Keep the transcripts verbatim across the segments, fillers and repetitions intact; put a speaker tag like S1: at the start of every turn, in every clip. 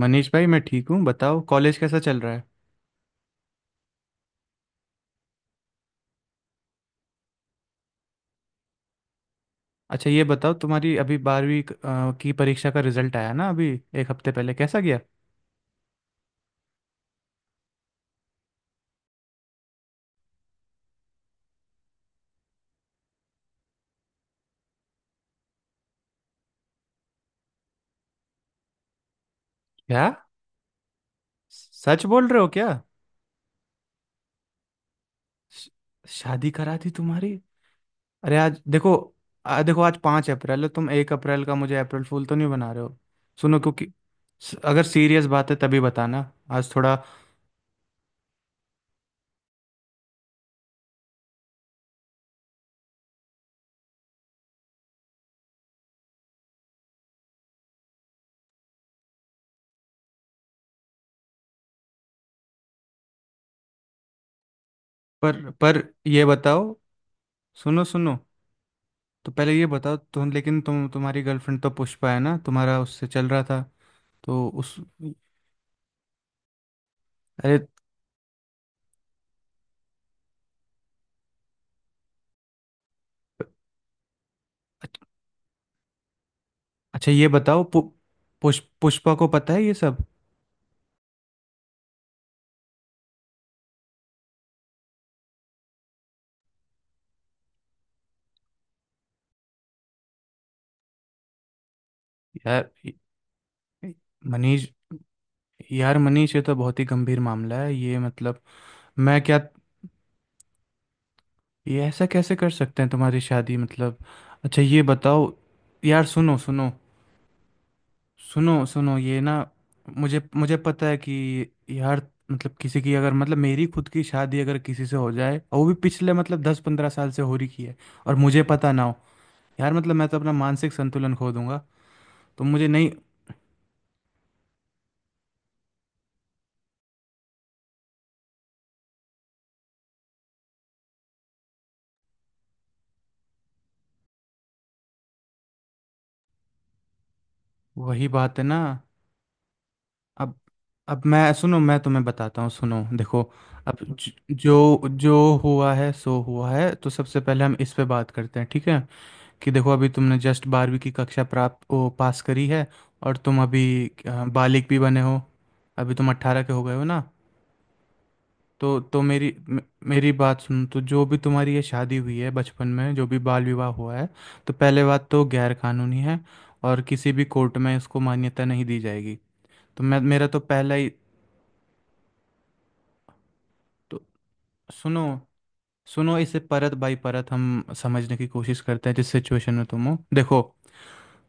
S1: मनीष भाई, मैं ठीक हूँ। बताओ, कॉलेज कैसा चल रहा है? अच्छा, ये बताओ, तुम्हारी अभी बारहवीं क- अ, की परीक्षा का रिजल्ट आया ना अभी। एक हफ्ते पहले कैसा गया? क्या? सच बोल रहे हो क्या? श- शादी करा दी तुम्हारी? अरे, आज देखो। आ, देखो, आज पाँच अप्रैल है। तुम एक अप्रैल का मुझे अप्रैल फूल तो नहीं बना रहे हो? सुनो, क्योंकि स- अगर सीरियस बात है तभी बताना। आज थोड़ा। पर पर ये बताओ। सुनो, सुनो। तो पहले ये बताओ तुम, लेकिन तुम तुम्हारी गर्लफ्रेंड तो पुष्पा है ना, तुम्हारा उससे चल रहा था। तो उस। अरे। अच्छ- अच्छा, ये बताओ, पु, पुष, पुष्पा को पता है ये सब? यार, ये- मनीष। यार मनीष, ये तो बहुत ही गंभीर मामला है, ये मतलब। मैं क्या। ये ऐसा कैसे कर सकते हैं तुम्हारी शादी, मतलब। अच्छा, ये बताओ। यार, सुनो, सुनो। सुनो, सुनो, ये ना। मुझे मुझे पता है कि यार। मतलब, किसी की अगर, मतलब मेरी खुद की शादी अगर किसी से हो जाए, और वो भी पिछले मतलब दस पंद्रह साल से हो रही की है, और मुझे पता ना हो, यार मतलब, मैं तो अपना मानसिक संतुलन खो दूंगा। तो मुझे नहीं। वही बात है ना। अब। अब मैं, सुनो, मैं तुम्हें बताता हूँ, सुनो, देखो। अब ज- जो जो हुआ है सो हुआ है। तो सबसे पहले हम इस पे बात करते हैं, ठीक है? कि देखो, अभी तुमने जस्ट बारहवीं की कक्षा प्राप्त ओ, पास करी है। और तुम अभी अ, बालिग भी बने हो। अभी तुम अट्ठारह के हो गए हो ना? तो तो मेरी मे- मेरी बात सुन, तो जो भी तुम्हारी ये शादी हुई है बचपन में, जो भी बाल विवाह हुआ है, तो पहले बात तो गैर कानूनी है। और किसी भी कोर्ट में इसको मान्यता नहीं दी जाएगी। तो मैं, मेरा तो पहला ही। तो सुनो, सुनो, इसे परत बाई परत हम समझने की कोशिश करते हैं, जिस सिचुएशन में तुम हो, देखो।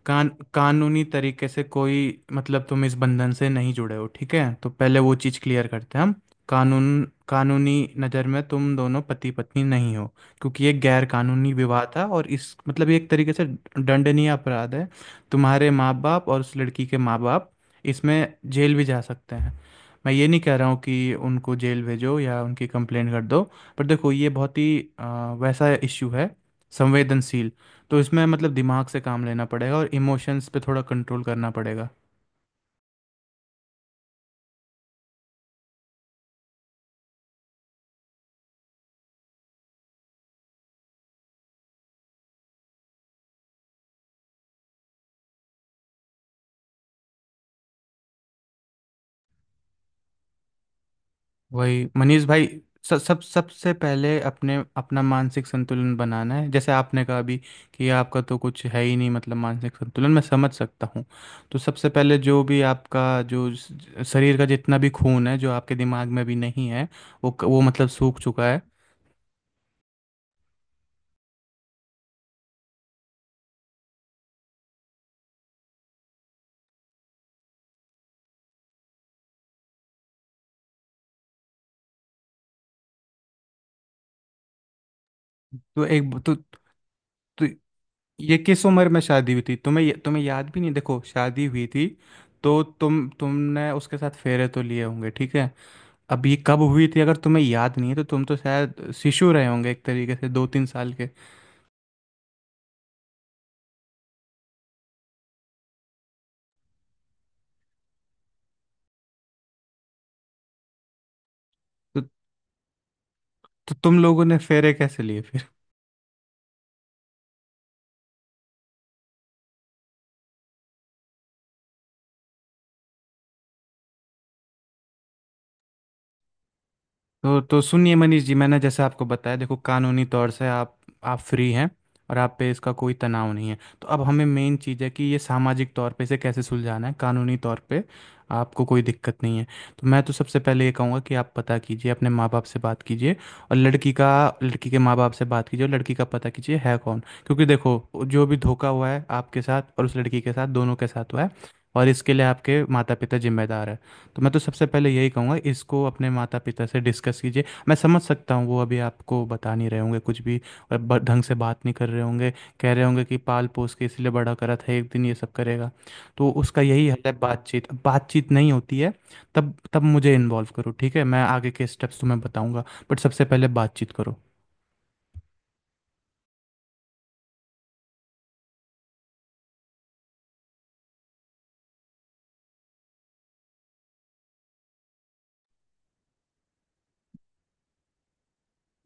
S1: कान कानूनी तरीके से कोई, मतलब तुम इस बंधन से नहीं जुड़े हो, ठीक है, तो पहले वो चीज़ क्लियर करते हैं हम। कानून कानूनी नज़र में तुम दोनों पति पत्नी नहीं हो। क्योंकि ये गैर कानूनी विवाह था, और इस मतलब ये एक तरीके से दंडनीय अपराध है। तुम्हारे माँ बाप और उस लड़की के माँ बाप, इसमें जेल भी जा सकते हैं। मैं ये नहीं कह रहा हूँ कि उनको जेल भेजो या उनकी कंप्लेंट कर दो। पर देखो, ये बहुत ही अ, वैसा इशू है, संवेदनशील। तो इसमें मतलब दिमाग से काम लेना पड़ेगा और इमोशंस पे थोड़ा कंट्रोल करना पड़ेगा। वही मनीष भाई। सब सब सबसे पहले अपने अपना मानसिक संतुलन बनाना है, जैसे आपने कहा अभी, कि आपका तो कुछ है ही नहीं मतलब मानसिक संतुलन, मैं समझ सकता हूँ। तो सबसे पहले जो भी आपका जो स- शरीर का जितना भी खून है, जो आपके दिमाग में अभी नहीं है, वो क- वो मतलब सूख चुका है। तो एक तो। तो ये किस उम्र में शादी हुई थी? तुम्हें तुम्हें याद भी नहीं? देखो, शादी हुई थी। तो तुम तुमने उसके साथ फेरे तो लिए होंगे, ठीक है। अब ये कब हुई थी? अगर तुम्हें याद नहीं है तो तुम तो शायद शिशु रहे होंगे एक तरीके से, दो तीन साल के। तो, तो तुम लोगों ने फेरे कैसे लिए? तो तो सुनिए मनीष जी, मैंने जैसे आपको बताया, देखो कानूनी तौर से आप आप फ्री हैं। और आप पे इसका कोई तनाव नहीं है। तो अब हमें मेन चीज़ है कि ये सामाजिक तौर पे इसे कैसे सुलझाना है, कानूनी तौर पे आपको कोई दिक्कत नहीं है। तो मैं तो सबसे पहले ये कहूँगा कि आप पता कीजिए, अपने माँ बाप से बात कीजिए। और लड़की का, लड़की के माँ बाप से बात कीजिए और लड़की का पता कीजिए है कौन। क्योंकि देखो, जो भी धोखा हुआ है आपके साथ और उस लड़की के साथ, दोनों के साथ हुआ है। और इसके लिए आपके माता पिता जिम्मेदार है। तो मैं तो सबसे पहले यही कहूँगा इसको अपने माता पिता से डिस्कस कीजिए। मैं समझ सकता हूँ वो अभी आपको बता नहीं रहे होंगे कुछ भी। अ, ब ढंग से बात नहीं कर रहे होंगे। कह रहे होंगे कि पाल-पोस के इसलिए बड़ा करा था, एक दिन ये सब करेगा। तो उसका यही हल है बातचीत। अब बातचीत नहीं होती है, तब तब मुझे इन्वॉल्व करो, ठीक है? मैं आगे के स्टेप्स तुम्हें बताऊँगा। बट सबसे पहले बातचीत करो।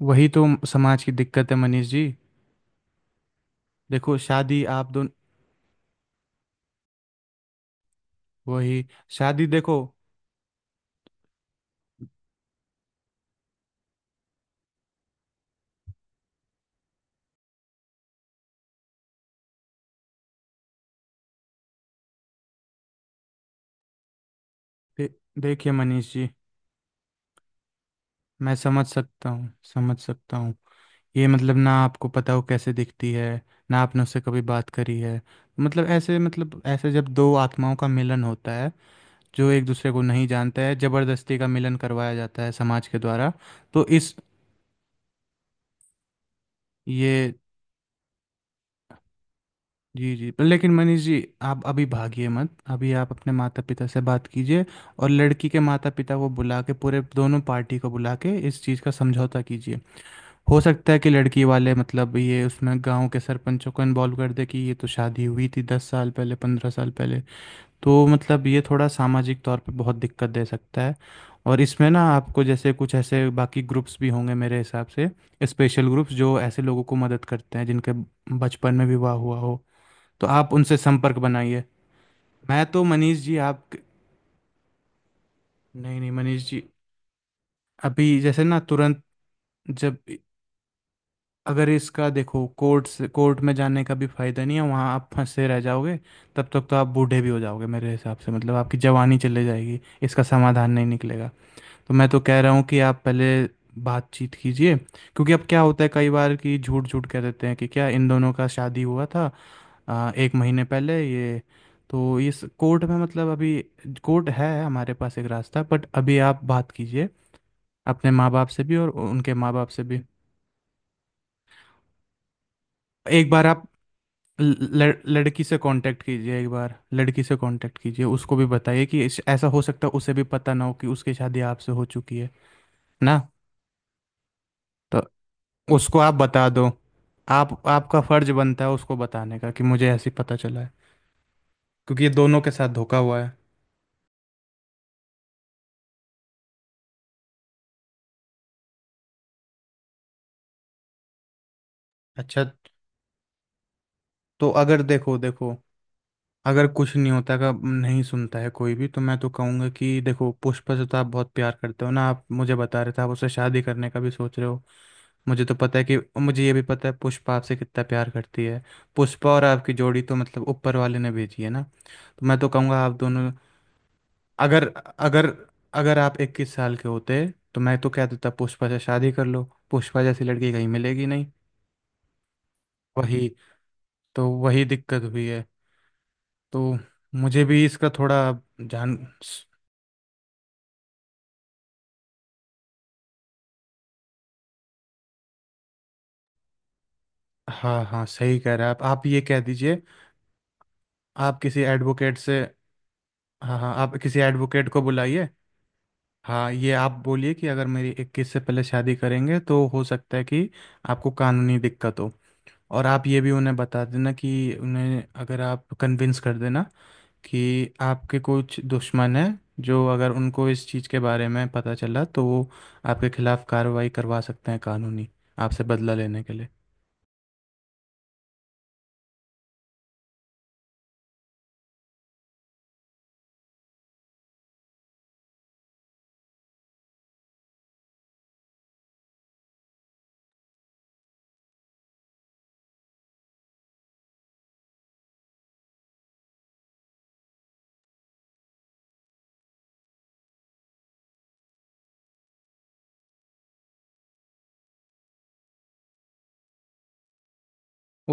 S1: वही तो समाज की दिक्कत है मनीष जी। देखो, शादी आप दोन वही शादी देखो, दे देखिए मनीष जी, मैं समझ सकता हूँ, समझ सकता हूँ। ये मतलब, ना आपको पता हो कैसे दिखती है, ना आपने उससे कभी बात करी है। मतलब ऐसे, मतलब ऐसे, जब दो आत्माओं का मिलन होता है, जो एक दूसरे को नहीं जानता है, जबरदस्ती का मिलन करवाया जाता है समाज के द्वारा। तो इस, ये, जी जी, पर लेकिन मनीष जी, आप अभी भागिए मत। अभी आप अपने माता पिता से बात कीजिए, और लड़की के माता पिता को बुला के, पूरे दोनों पार्टी को बुला के इस चीज़ का समझौता कीजिए। हो सकता है कि लड़की वाले मतलब, ये उसमें गांव के सरपंचों को इन्वॉल्व कर दे कि ये तो शादी हुई थी दस साल पहले, पंद्रह साल पहले। तो मतलब ये थोड़ा सामाजिक तौर पे बहुत दिक्कत दे सकता है। और इसमें ना, आपको जैसे कुछ ऐसे बाकी ग्रुप्स भी होंगे मेरे हिसाब से, स्पेशल ग्रुप्स जो ऐसे लोगों को मदद करते हैं जिनके बचपन में विवाह हुआ हो। तो आप उनसे संपर्क बनाइए। मैं तो मनीष जी आप, नहीं नहीं मनीष जी, अभी जैसे ना तुरंत, जब, अगर इसका देखो, कोर्ट से कोर्ट में जाने का भी फायदा नहीं है, वहाँ आप फंसे रह जाओगे। तब तक तो आप बूढ़े भी हो जाओगे मेरे हिसाब से, मतलब आपकी जवानी चले जाएगी, इसका समाधान नहीं निकलेगा। तो मैं तो कह रहा हूँ कि आप पहले बातचीत कीजिए, क्योंकि अब क्या होता है कई बार कि झूठ झूठ कह देते हैं कि क्या इन दोनों का शादी हुआ था, आ, एक महीने पहले ये। तो इस कोर्ट में मतलब, अभी कोर्ट है हमारे पास एक रास्ता, बट अभी आप बात कीजिए, अपने माँ बाप से भी और उनके माँ बाप से भी। एक बार आप लड़, लड़की से कांटेक्ट कीजिए, एक बार लड़की से कांटेक्ट कीजिए, उसको भी बताइए कि इस- ऐसा हो सकता है उसे भी पता ना हो कि उसकी शादी आपसे हो चुकी है ना। तो उसको आप बता दो। आप आपका फर्ज बनता है उसको बताने का, कि मुझे ऐसे ही पता चला है। क्योंकि ये दोनों के साथ धोखा हुआ है। अच्छा, तो अगर देखो, देखो, अगर कुछ नहीं होता, का नहीं सुनता है कोई भी, तो मैं तो कहूँगा कि देखो, पुष्पा से तो आप बहुत प्यार करते हो ना, आप मुझे बता रहे थे आप उससे शादी करने का भी सोच रहे हो। मुझे तो पता है कि, मुझे ये भी पता है पुष्पा आपसे कितना प्यार करती है। पुष्पा और आपकी जोड़ी तो मतलब ऊपर वाले ने भेजी है ना। तो मैं तो कहूँगा आप दोनों, अगर अगर अगर आप इक्कीस साल के होते, तो मैं तो कह देता पुष्पा से शादी कर लो। पुष्पा जैसी लड़की कहीं मिलेगी नहीं। वही, तो वही दिक्कत हुई है। तो मुझे भी इसका थोड़ा जान हाँ हाँ, सही कह रहे हैं आप आप ये कह दीजिए। आप किसी एडवोकेट से, हाँ हाँ, आप किसी एडवोकेट को बुलाइए। हाँ, ये आप बोलिए कि अगर मेरी इक्कीस से पहले शादी करेंगे तो हो सकता है कि आपको कानूनी दिक्कत हो। और आप ये भी उन्हें बता देना कि, उन्हें अगर आप कन्विंस कर देना कि आपके कुछ दुश्मन हैं, जो अगर उनको इस चीज़ के बारे में पता चला तो वो आपके खिलाफ़ कार्रवाई करवा सकते हैं कानूनी, आपसे बदला लेने के लिए।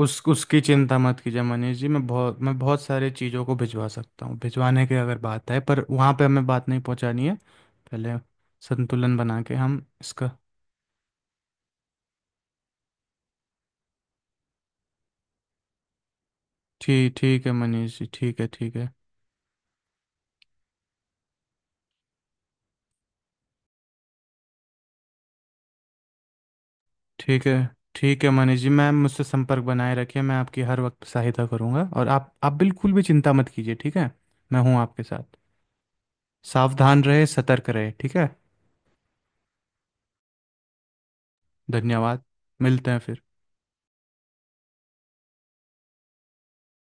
S1: उस उसकी चिंता मत कीजिए मनीष जी, मैं बहुत मैं बहुत सारे चीज़ों को भिजवा सकता हूँ, भिजवाने की अगर बात है, पर वहाँ पे हमें बात नहीं पहुँचानी है पहले, संतुलन बना के हम इसका। ठीक ठीक है मनीष जी, ठीक है, ठीक है। ठीक है ठीक है मनीष जी, मैम मुझसे संपर्क बनाए रखिए, मैं आपकी हर वक्त सहायता करूँगा, और आप आप बिल्कुल भी चिंता मत कीजिए, ठीक है। मैं हूँ आपके साथ। सावधान रहे, सतर्क रहे, ठीक है। धन्यवाद। मिलते हैं फिर।